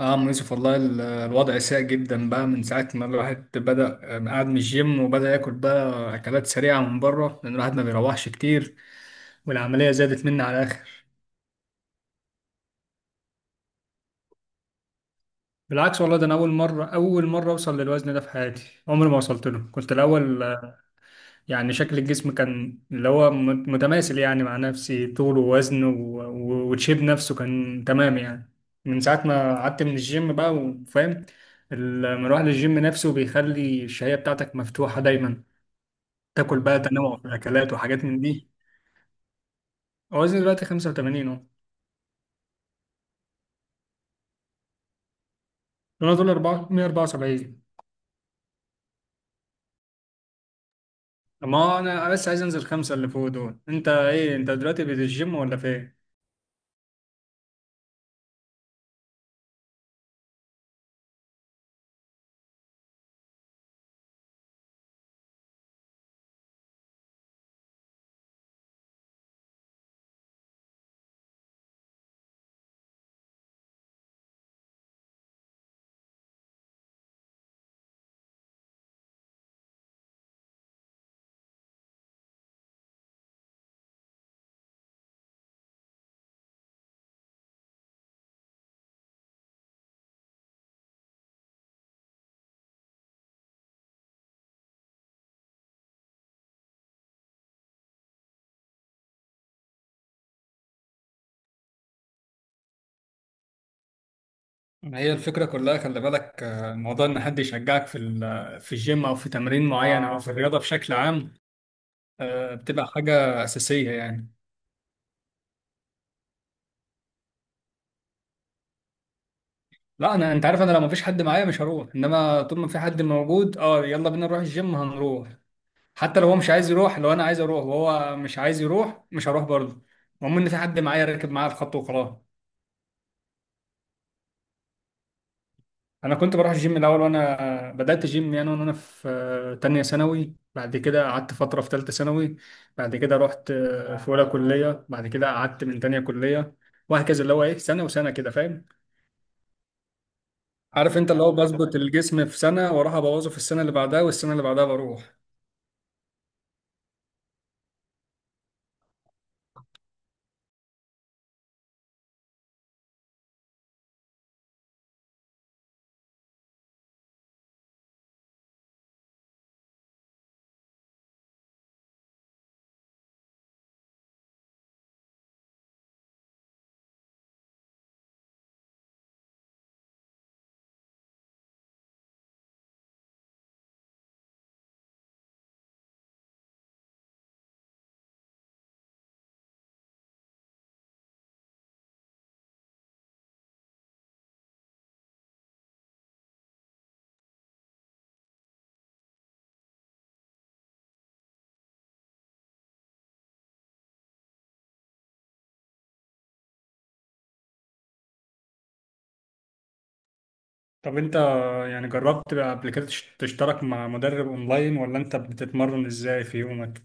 اه أم يوسف، والله الوضع سيء جدا بقى من ساعة ما الواحد بدأ، قاعد من الجيم وبدأ ياكل بقى أكلات سريعة من بره لأن الواحد ما بيروحش كتير والعملية زادت مني على الآخر. بالعكس والله، ده أنا أول مرة أوصل للوزن ده في حياتي، عمري ما وصلت له. كنت الأول يعني شكل الجسم كان اللي هو متماثل يعني مع نفسي، طول ووزن وتشيب نفسه كان تمام يعني. من ساعة ما قعدت من الجيم بقى، وفاهم المروح للجيم نفسه بيخلي الشهية بتاعتك مفتوحة دايما، تاكل بقى تنوع في الاكلات وحاجات من دي. وزني دلوقتي 85 اهو. انا دول 4 174. ما انا بس عايز انزل خمسة اللي فوق دول. انت ايه، انت دلوقتي في الجيم ولا فين؟ ما هي الفكرة كلها، خلي بالك، الموضوع إن حد يشجعك في في الجيم أو في تمرين معين أو في الرياضة بشكل عام بتبقى حاجة أساسية يعني. لا، أنا أنت عارف، أنا لو مفيش حد معايا مش هروح، إنما طول ما في حد موجود أه يلا بينا نروح الجيم هنروح. حتى لو هو مش عايز يروح، لو انا عايز اروح وهو مش عايز يروح مش هروح برضه. المهم ان في حد معايا راكب معايا الخط وخلاص. انا كنت بروح الجيم الاول وانا بدات جيم يعني، وانا في تانية ثانوي، بعد كده قعدت فتره في تالتة ثانوي، بعد كده رحت في اولى كليه، بعد كده قعدت من تانية كليه، وهكذا اللي هو ايه، سنه وسنه كده فاهم. عارف انت، اللي هو بظبط الجسم في سنه واروح ابوظه في السنه اللي بعدها، والسنه اللي بعدها بروح. طب انت يعني جربت بقى قبل كده تشترك مع مدرب اونلاين، ولا انت بتتمرن ازاي في يومك؟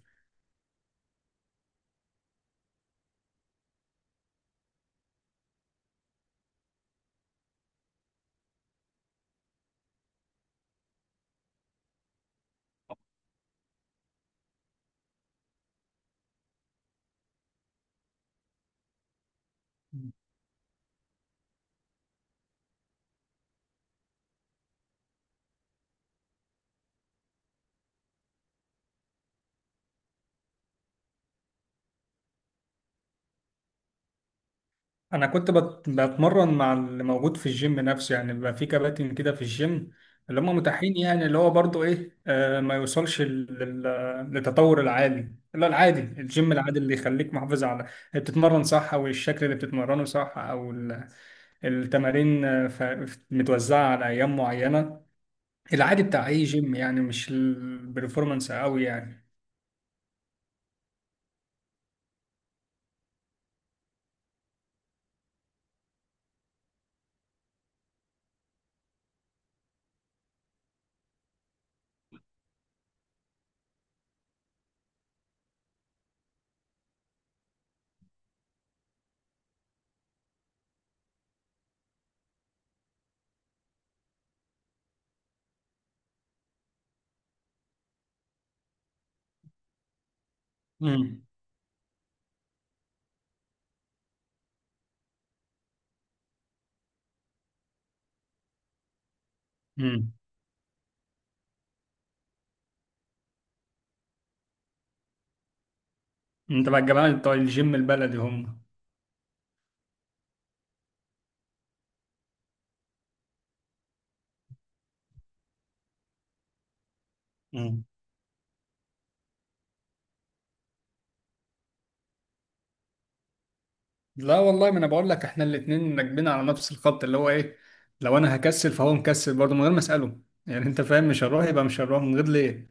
انا كنت بتمرن مع اللي موجود في الجيم نفسه يعني، بيبقى في كباتن كده في الجيم، اللي هم متاحين يعني، اللي هو برضو ايه ما يوصلش للتطور العالي، لا، العادي، الجيم العادي اللي يخليك محافظ على بتتمرن صح، او الشكل اللي بتتمرنه صح، او التمارين متوزعة على ايام معينة، العادي بتاع اي جيم يعني، مش البرفورمانس قوي يعني. امم. امم. انت بقى الجماعه بتوع الجيم البلدي هم؟ امم. لا والله، ما انا بقول لك، احنا الاتنين راكبين على نفس الخط، اللي هو ايه، لو انا هكسل فهو مكسل برضه من غير ما اساله، يعني انت فاهم. مش هنروح يبقى مش هنروح من غير ليه.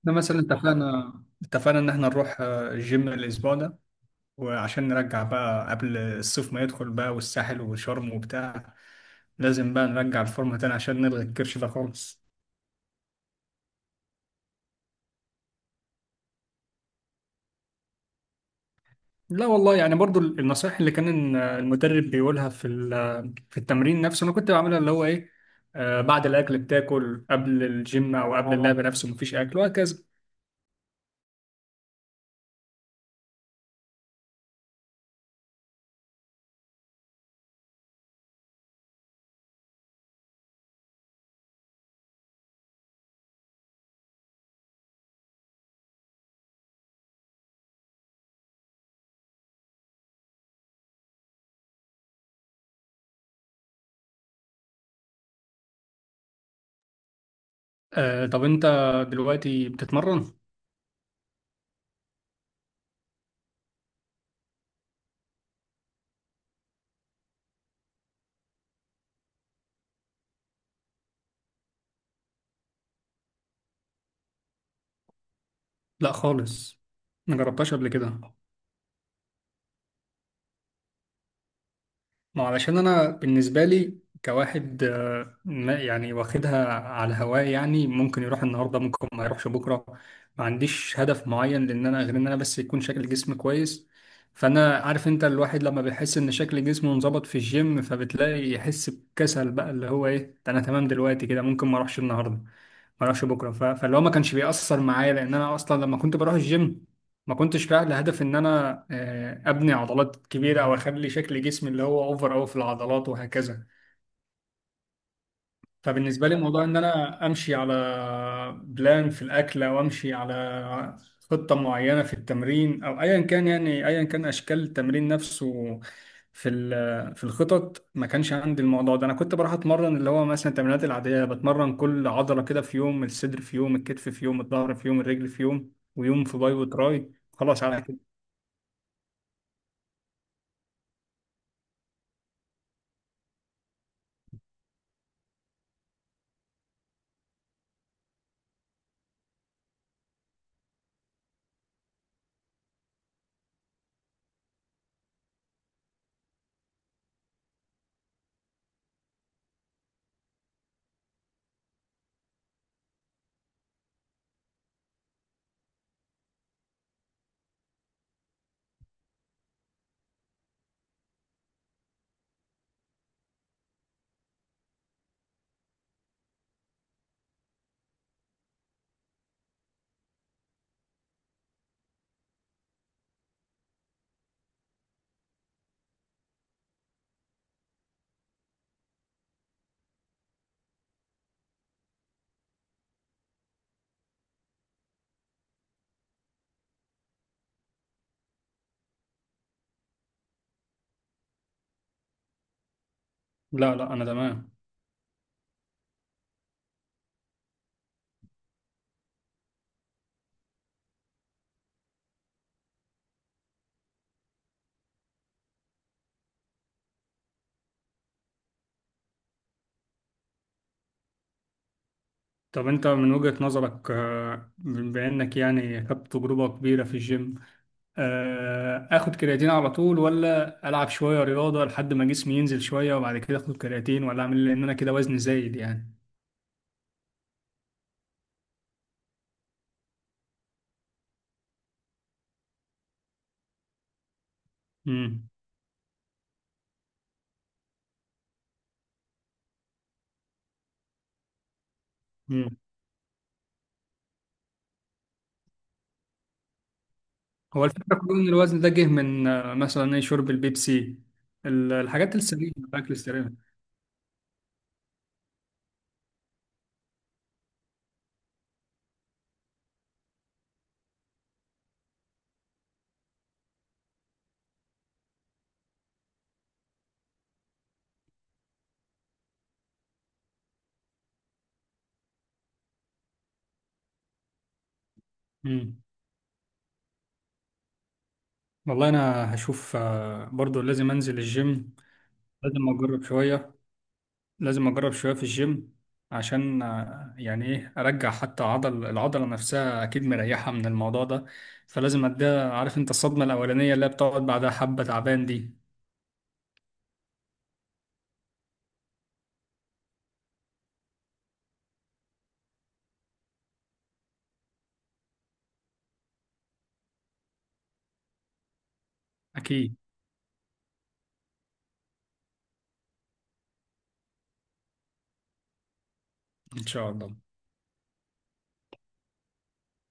احنا مثلا اتفقنا ان احنا نروح الجيم الاسبوع ده، وعشان نرجع بقى قبل الصيف ما يدخل بقى، والساحل وشرم وبتاع، لازم بقى نرجع الفورمه تاني عشان نلغي الكرش ده خالص. لا والله، يعني برضو النصائح اللي كان المدرب بيقولها في في التمرين نفسه انا كنت بعملها، اللي هو ايه، آه بعد الاكل بتاكل قبل الجيم، او قبل اللعب نفسه مفيش اكل، وهكذا. آه طب انت دلوقتي بتتمرن؟ لا خالص، ما جربتهاش قبل كده. ما علشان انا بالنسبه لي كواحد يعني واخدها على هواه يعني، ممكن يروح النهارده ممكن ما يروحش بكره، ما عنديش هدف معين، لان انا غير ان انا بس يكون شكل جسمي كويس. فانا عارف انت، الواحد لما بيحس ان شكل جسمه انظبط في الجيم، فبتلاقي يحس بكسل بقى، اللي هو ايه ده، انا تمام دلوقتي كده، ممكن ما اروحش النهارده ما اروحش بكره فاللي هو ما كانش بيأثر معايا، لان انا اصلا لما كنت بروح الجيم ما كنتش رايح لهدف ان انا ابني عضلات كبيره، او اخلي شكل جسمي اللي هو اوفر اوي في العضلات وهكذا. فبالنسبة لي، موضوع إن أنا أمشي على بلان في الأكل، أو أمشي على خطة معينة في التمرين، أو أيا كان يعني، أيا كان أشكال التمرين نفسه في في الخطط، ما كانش عندي الموضوع ده. أنا كنت بروح أتمرن اللي هو مثلا التمرينات العادية، بتمرن كل عضلة كده في يوم، الصدر في يوم، الكتف في يوم، الظهر في يوم، الرجل في يوم، ويوم في باي وتراي، خلاص على كده. لا، لا، أنا تمام. طب أنت من وجهة نظرك، بما إنك يعني خدت تجربة كبيرة في الجيم، اخد كرياتين على طول، ولا العب شويه رياضه لحد ما جسمي ينزل شويه وبعد كده اخد كرياتين، ولا اعمل إيه؟ لان انا كده وزني زايد يعني. امم. امم. هو الفكره كلها ان الوزن ده جه من مثلا ايه، شرب البيبسي، الحاجات السليمه، الاكل السليم. امم. والله انا هشوف برضو لازم انزل الجيم، لازم اجرب شويه، لازم اجرب شويه في الجيم، عشان يعني ايه، ارجع حتى عضل، العضله نفسها اكيد مريحه من الموضوع ده، فلازم اديها. عارف انت، الصدمه الاولانيه اللي هي بتقعد بعدها حبه تعبان دي. اكيد. ان شاء الله.